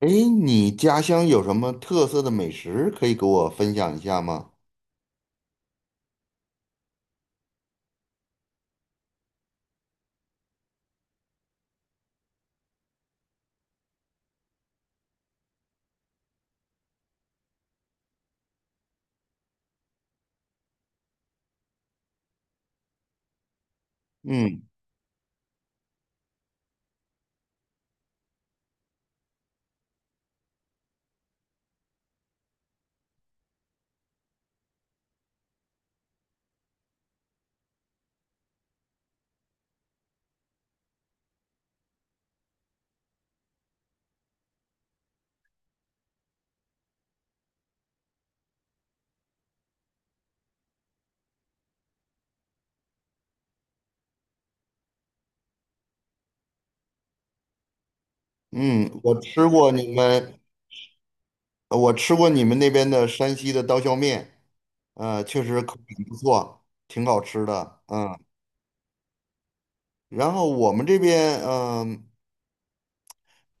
哎，你家乡有什么特色的美食可以给我分享一下吗？嗯嗯，我吃过你们，我吃过你们那边的山西的刀削面。确实口感不错，挺好吃的。嗯，然后我们这边，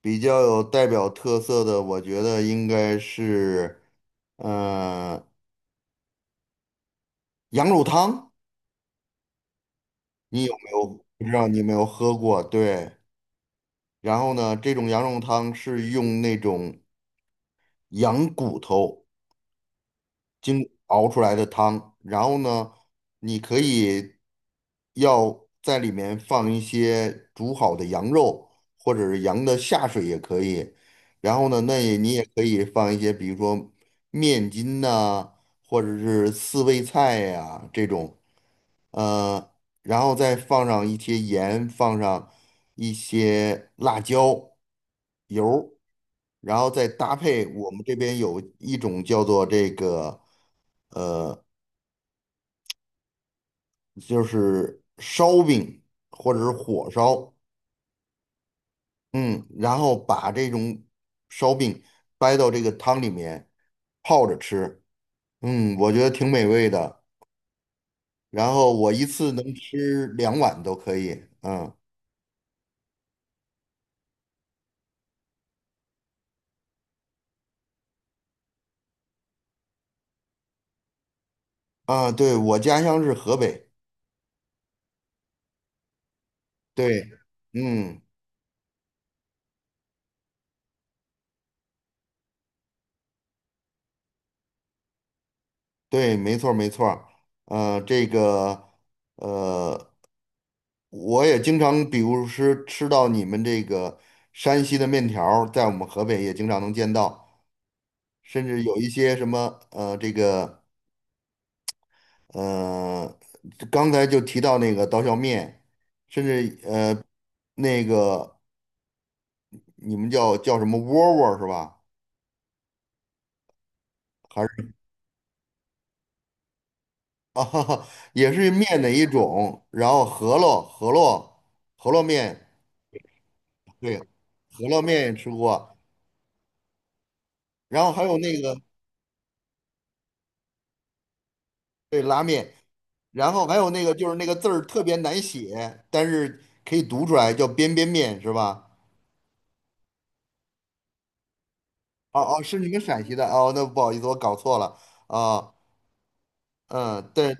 比较有代表特色的，我觉得应该是，呃，羊肉汤。你有没有？不知道你有没有喝过？对。然后呢，这种羊肉汤是用那种羊骨头经熬出来的汤。然后呢，你可以要在里面放一些煮好的羊肉，或者是羊的下水也可以。然后呢，你也可以放一些，比如说面筋呐、或者是四味菜呀、这种，呃，然后再放上一些盐，放上一些辣椒油儿，然后再搭配我们这边有一种叫做这个就是烧饼或者是火烧。嗯，然后把这种烧饼掰到这个汤里面泡着吃，嗯，我觉得挺美味的。然后我一次能吃两碗都可以。嗯，啊，对，我家乡是河北，对。嗯，对，没错儿没错儿。这个我也经常，比如是吃到你们这个山西的面条儿在我们河北也经常能见到，甚至有一些什么这个呃，刚才就提到那个刀削面，甚至那个你们叫什么窝窝儿是吧？还是 啊，也是面的一种，然后饸饹面，对，饸饹面也吃过。然后还有那个，对，拉面。然后还有那个，就是那个字儿特别难写，但是可以读出来，叫边边面是吧？哦哦，是你们陕西的哦，那不好意思，我搞错了啊。嗯，对，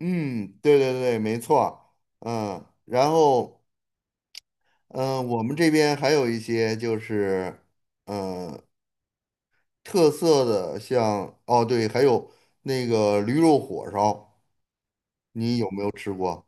嗯，对对对，没错儿。嗯，然后，嗯，我们这边还有一些就是，嗯，特色的像，哦对，还有那个驴肉火烧，你有没有吃过？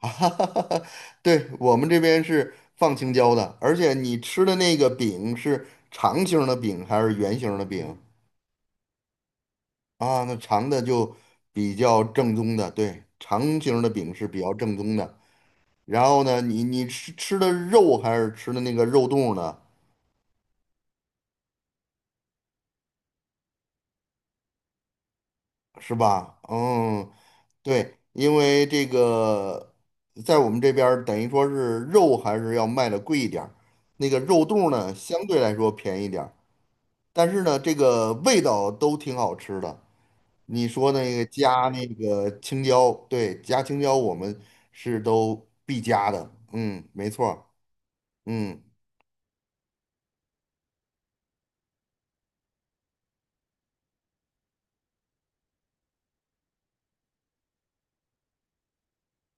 啊，对，我们这边是放青椒的，而且你吃的那个饼是长形儿的饼还是圆形儿的饼啊？那长的就比较正宗的，对，长形儿的饼是比较正宗的。然后呢，你吃的肉还是吃的那个肉冻儿呢？是吧？嗯，对，因为这个在我们这边儿等于说是肉还是要卖的贵一点儿，那个肉冻儿呢相对来说便宜点儿。但是呢，这个味道都挺好吃的。你说那个加那个青椒，对，加青椒我们是都必加的。嗯，没错儿。嗯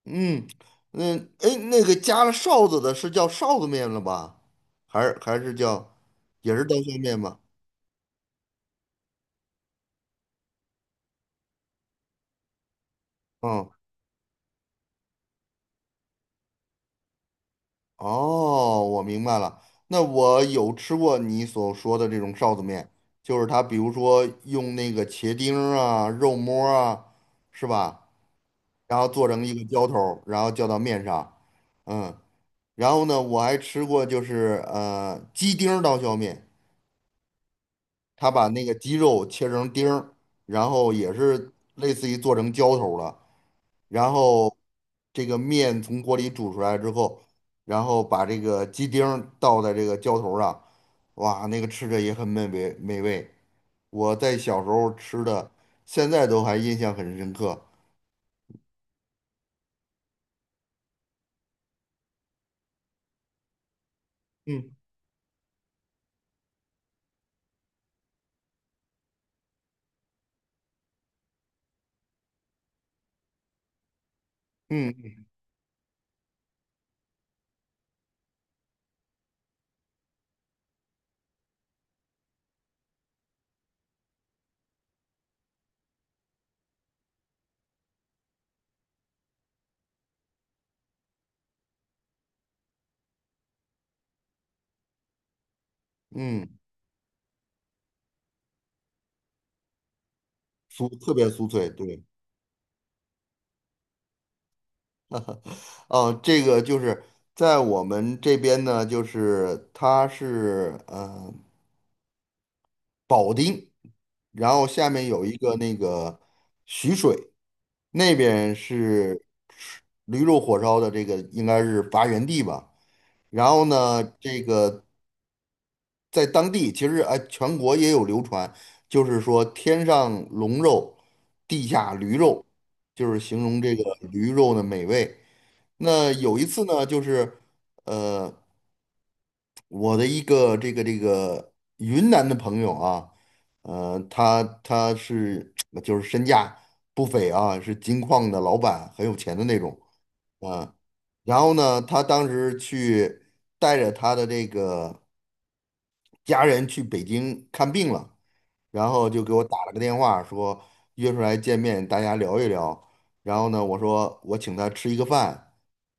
嗯嗯，哎，那个加了臊子的是叫臊子面了吧？还是叫也是刀削面吧？嗯，哦，我明白了。那我有吃过你所说的这种臊子面，就是它，比如说用那个茄丁儿啊、肉末儿啊，是吧？然后做成一个浇头儿，然后浇到面上。嗯，然后呢，我还吃过就是鸡丁儿刀削面，他把那个鸡肉切成丁儿，然后也是类似于做成浇头儿了，然后这个面从锅里煮出来之后，然后把这个鸡丁儿倒在这个浇头儿上，哇，那个吃着也很美味，我在小时候吃的，现在都还印象很深刻。嗯嗯嗯，酥特别酥脆，对。哦，这个就是在我们这边呢，就是它是，嗯，保定，然后下面有一个那个徐水，那边是吃驴肉火烧的这个应该是发源地吧。然后呢，这个在当地其实哎，全国也有流传，就是说天上龙肉，地下驴肉，就是形容这个驴肉的美味。那有一次呢，就是呃。我的一个这个云南的朋友啊，他是 就是身价不菲啊，是金矿的老板，很有钱的那种啊。然后呢，他当时去带着他的这个家人去北京看病了，然后就给我打了个电话，说约出来见面，大家聊一聊。然后呢，我说我请他吃一个饭，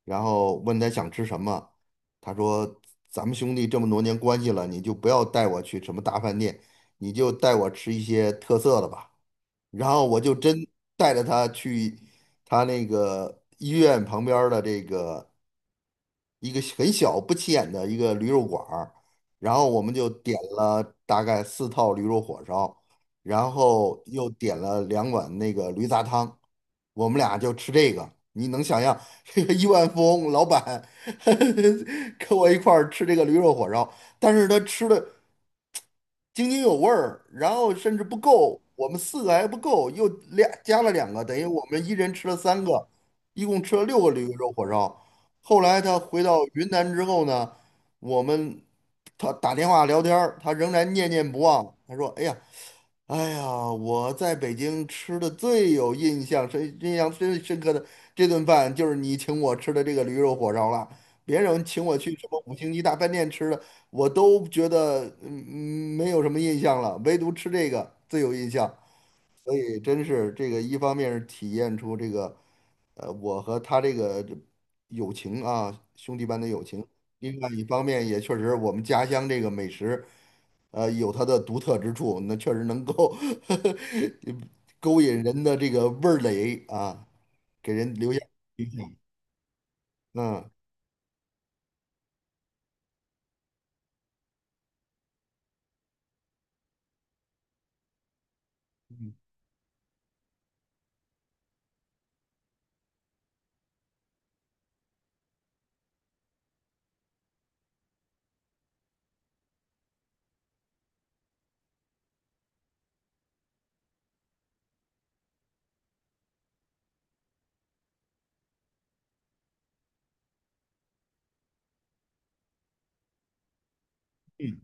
然后问他想吃什么，他说咱们兄弟这么多年关系了，你就不要带我去什么大饭店，你就带我吃一些特色的吧。然后我就真带着他去他那个医院旁边儿的这个一个很小不起眼的一个驴肉馆儿，然后我们就点了大概四套驴肉火烧，然后又点了两碗那个驴杂汤，我们俩就吃这个。你能想象这个亿万富翁老板 跟我一块儿吃这个驴肉火烧，但是他吃的津津有味儿，然后甚至不够，我们四个还不够，又俩加了两个，等于我们一人吃了三个，一共吃了六个驴肉火烧。后来他回到云南之后呢，我们他打电话聊天儿他仍然念念不忘。他说："哎呀，哎呀，我在北京吃的最有印象深、印象最深刻的这顿饭，就是你请我吃的这个驴肉火烧了。别人请我去什么五星级大饭店吃的，我都觉得嗯没有什么印象了，唯独吃这个最有印象。所以真是这个，一方面是体验出这个，我和他这友情啊，兄弟般的友情；另外一方面也确实我们家乡这个美食。有它的独特之处，那确实能够 勾引人的这个味儿蕾啊，给人留下印象。嗯嗯嗯，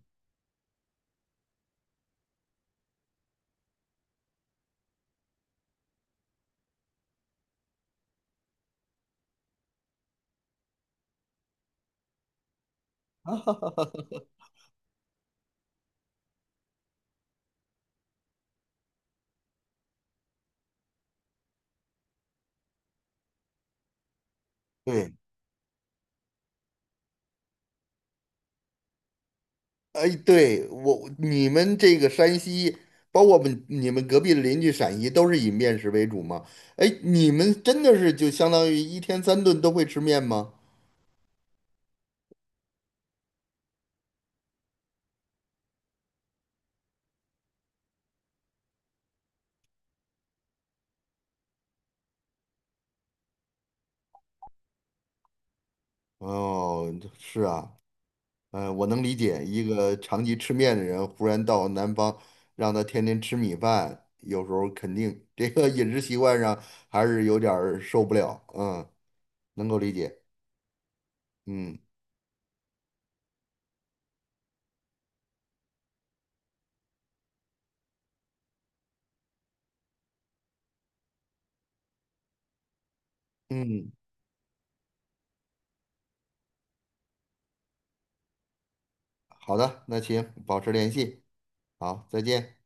对，哎，你们这个山西，包括我们你们隔壁的邻居陕西，都是以面食为主吗？哎，你们真的是就相当于一天三顿都会吃面吗？哦，是啊。嗯，我能理解一个长期吃面的人，忽然到南方，让他天天吃米饭，有时候肯定这个饮食习惯上还是有点儿受不了。嗯，能够理解。嗯嗯，好的，那行，保持联系，好，再见。